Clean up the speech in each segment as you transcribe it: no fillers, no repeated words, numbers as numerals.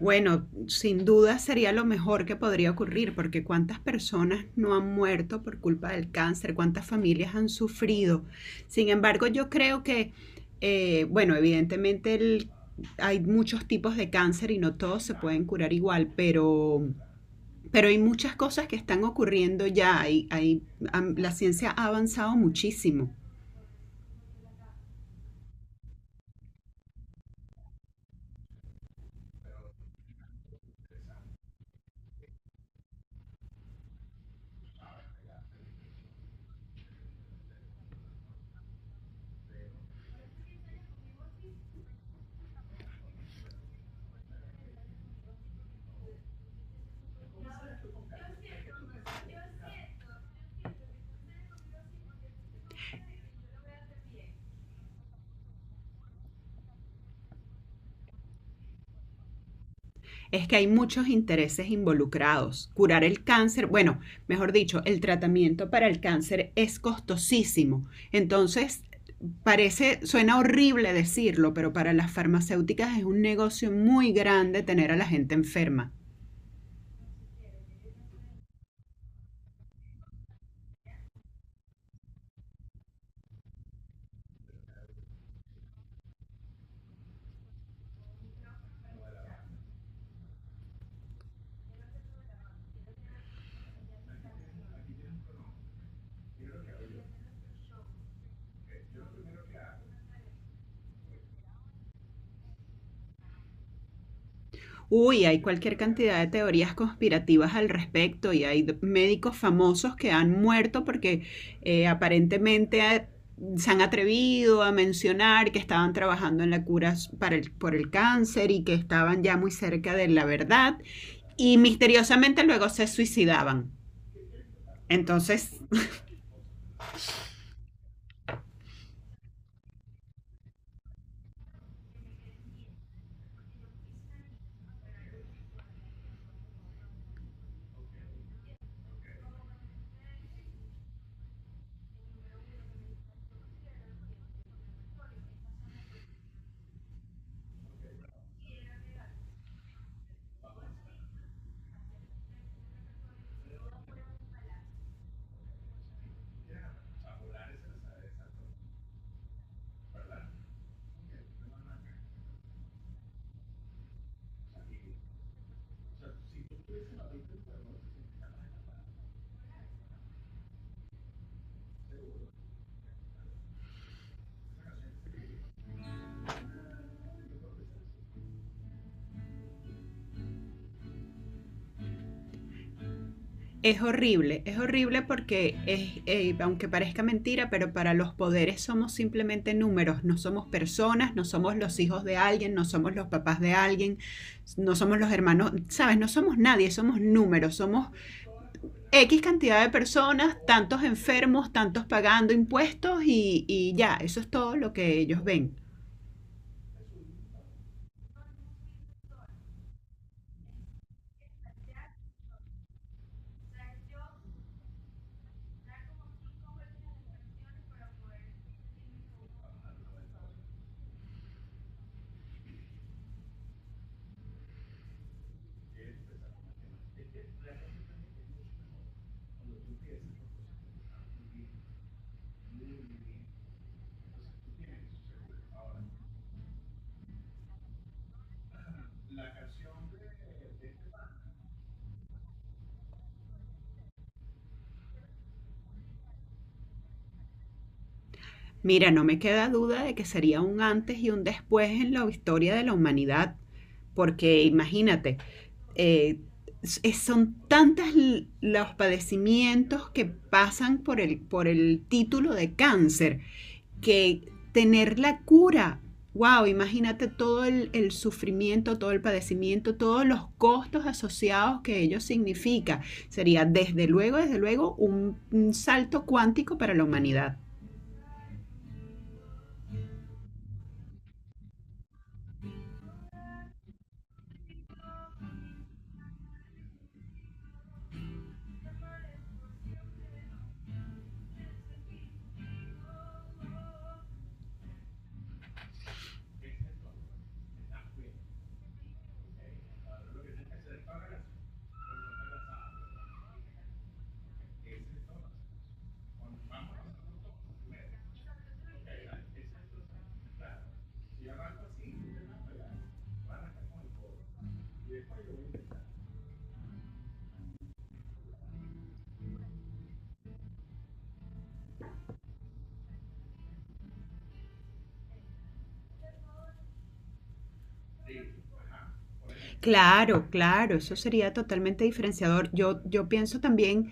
Bueno, sin duda sería lo mejor que podría ocurrir, porque cuántas personas no han muerto por culpa del cáncer, cuántas familias han sufrido. Sin embargo, yo creo que, bueno, evidentemente hay muchos tipos de cáncer y no todos se pueden curar igual, pero hay muchas cosas que están ocurriendo ya. La ciencia ha avanzado muchísimo. Es que hay muchos intereses involucrados. Curar el cáncer, bueno, mejor dicho, el tratamiento para el cáncer es costosísimo. Entonces, parece, suena horrible decirlo, pero para las farmacéuticas es un negocio muy grande tener a la gente enferma. Uy, hay cualquier cantidad de teorías conspirativas al respecto y hay médicos famosos que han muerto porque aparentemente se han atrevido a mencionar que estaban trabajando en la cura por el cáncer y que estaban ya muy cerca de la verdad y misteriosamente luego se suicidaban. Entonces, es horrible, es horrible porque es, aunque parezca mentira, pero para los poderes somos simplemente números, no somos personas, no somos los hijos de alguien, no somos los papás de alguien, no somos los hermanos, sabes, no somos nadie, somos números, somos X cantidad de personas, tantos enfermos, tantos pagando impuestos y ya, eso es todo lo que ellos ven. Mira, no me queda duda de que sería un antes y un después en la historia de la humanidad, porque imagínate, eh, son tantas los padecimientos que pasan por el título de cáncer que tener la cura, wow, imagínate todo el sufrimiento, todo el padecimiento, todos los costos asociados que ello significa. Sería desde luego, un salto cuántico para la humanidad. Claro, claro, eso sería totalmente diferenciador. Yo pienso también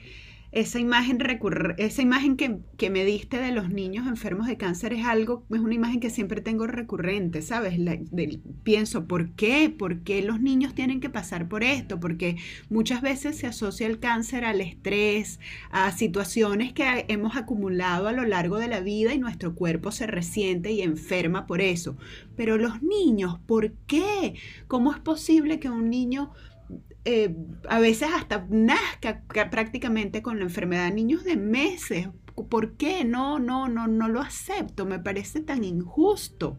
esa imagen recurre, esa imagen que, me diste de los niños enfermos de cáncer es algo, es una imagen que siempre tengo recurrente, ¿sabes? La, de, pienso, ¿por qué? ¿Por qué los niños tienen que pasar por esto? Porque muchas veces se asocia el cáncer al estrés, a situaciones que hemos acumulado a lo largo de la vida y nuestro cuerpo se resiente y enferma por eso. Pero los niños, ¿por qué? ¿Cómo es posible que un niño eh, a veces hasta nazca prácticamente con la enfermedad, niños de meses? ¿Por qué? No, no, no, no lo acepto, me parece tan injusto.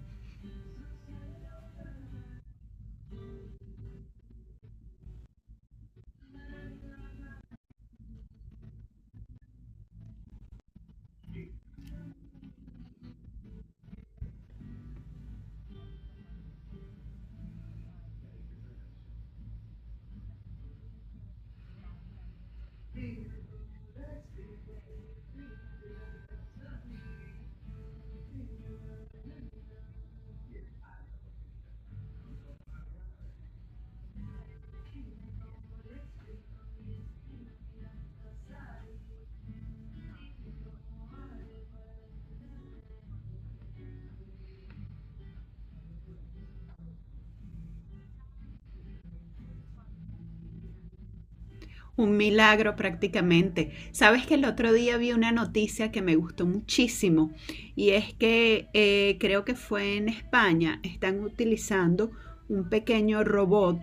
Un milagro prácticamente. Sabes que el otro día vi una noticia que me gustó muchísimo y es que creo que fue en España, están utilizando un pequeño robot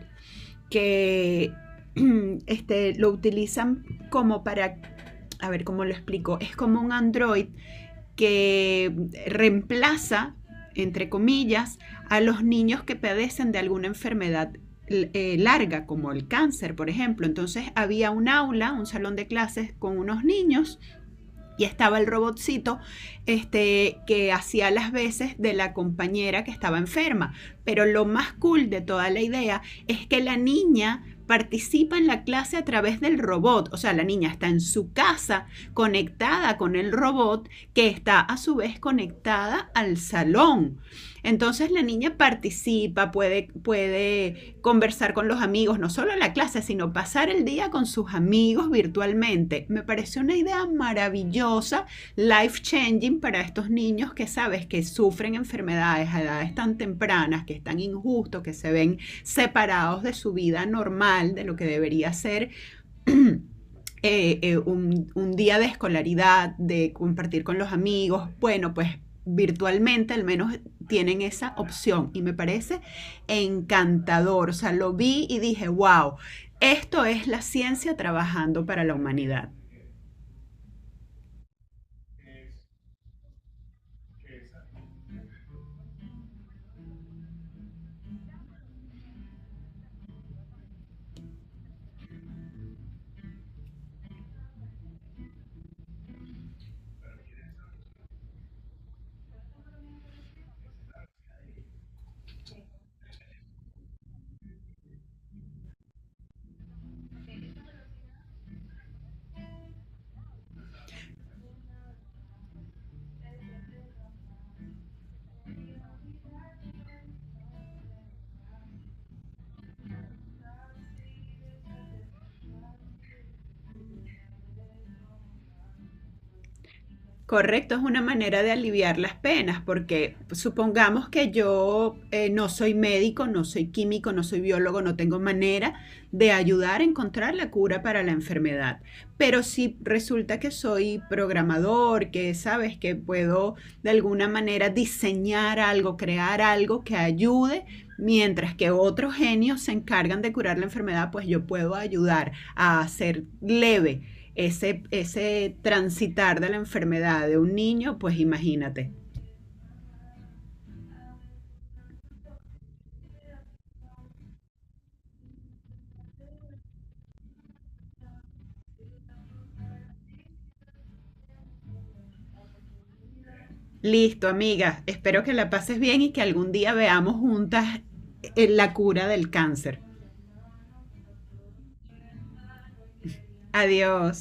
que este, lo utilizan como para, a ver cómo lo explico, es como un android que reemplaza, entre comillas, a los niños que padecen de alguna enfermedad larga, como el cáncer, por ejemplo. Entonces había un aula, un salón de clases con unos niños y estaba el robotcito este, que hacía las veces de la compañera que estaba enferma. Pero lo más cool de toda la idea es que la niña participa en la clase a través del robot, o sea, la niña está en su casa conectada con el robot que está a su vez conectada al salón. Entonces la niña participa, puede, puede conversar con los amigos, no solo en la clase, sino pasar el día con sus amigos virtualmente. Me pareció una idea maravillosa, life changing para estos niños que sabes que sufren enfermedades a edades tan tempranas, que es tan injusto, que se ven separados de su vida normal, de lo que debería ser eh, un día de escolaridad, de compartir con los amigos, bueno, pues virtualmente al menos tienen esa opción y me parece encantador. O sea, lo vi y dije, wow, esto es la ciencia trabajando para la humanidad. Correcto, es una manera de aliviar las penas, porque supongamos que yo no soy médico, no soy químico, no soy biólogo, no tengo manera de ayudar a encontrar la cura para la enfermedad. Pero si resulta que soy programador, que sabes que puedo de alguna manera diseñar algo, crear algo que ayude, mientras que otros genios se encargan de curar la enfermedad, pues yo puedo ayudar a hacer leve ese, ese transitar de la enfermedad de un niño, pues imagínate. Listo, amiga, espero que la pases bien y que algún día veamos juntas la cura del cáncer. Adiós.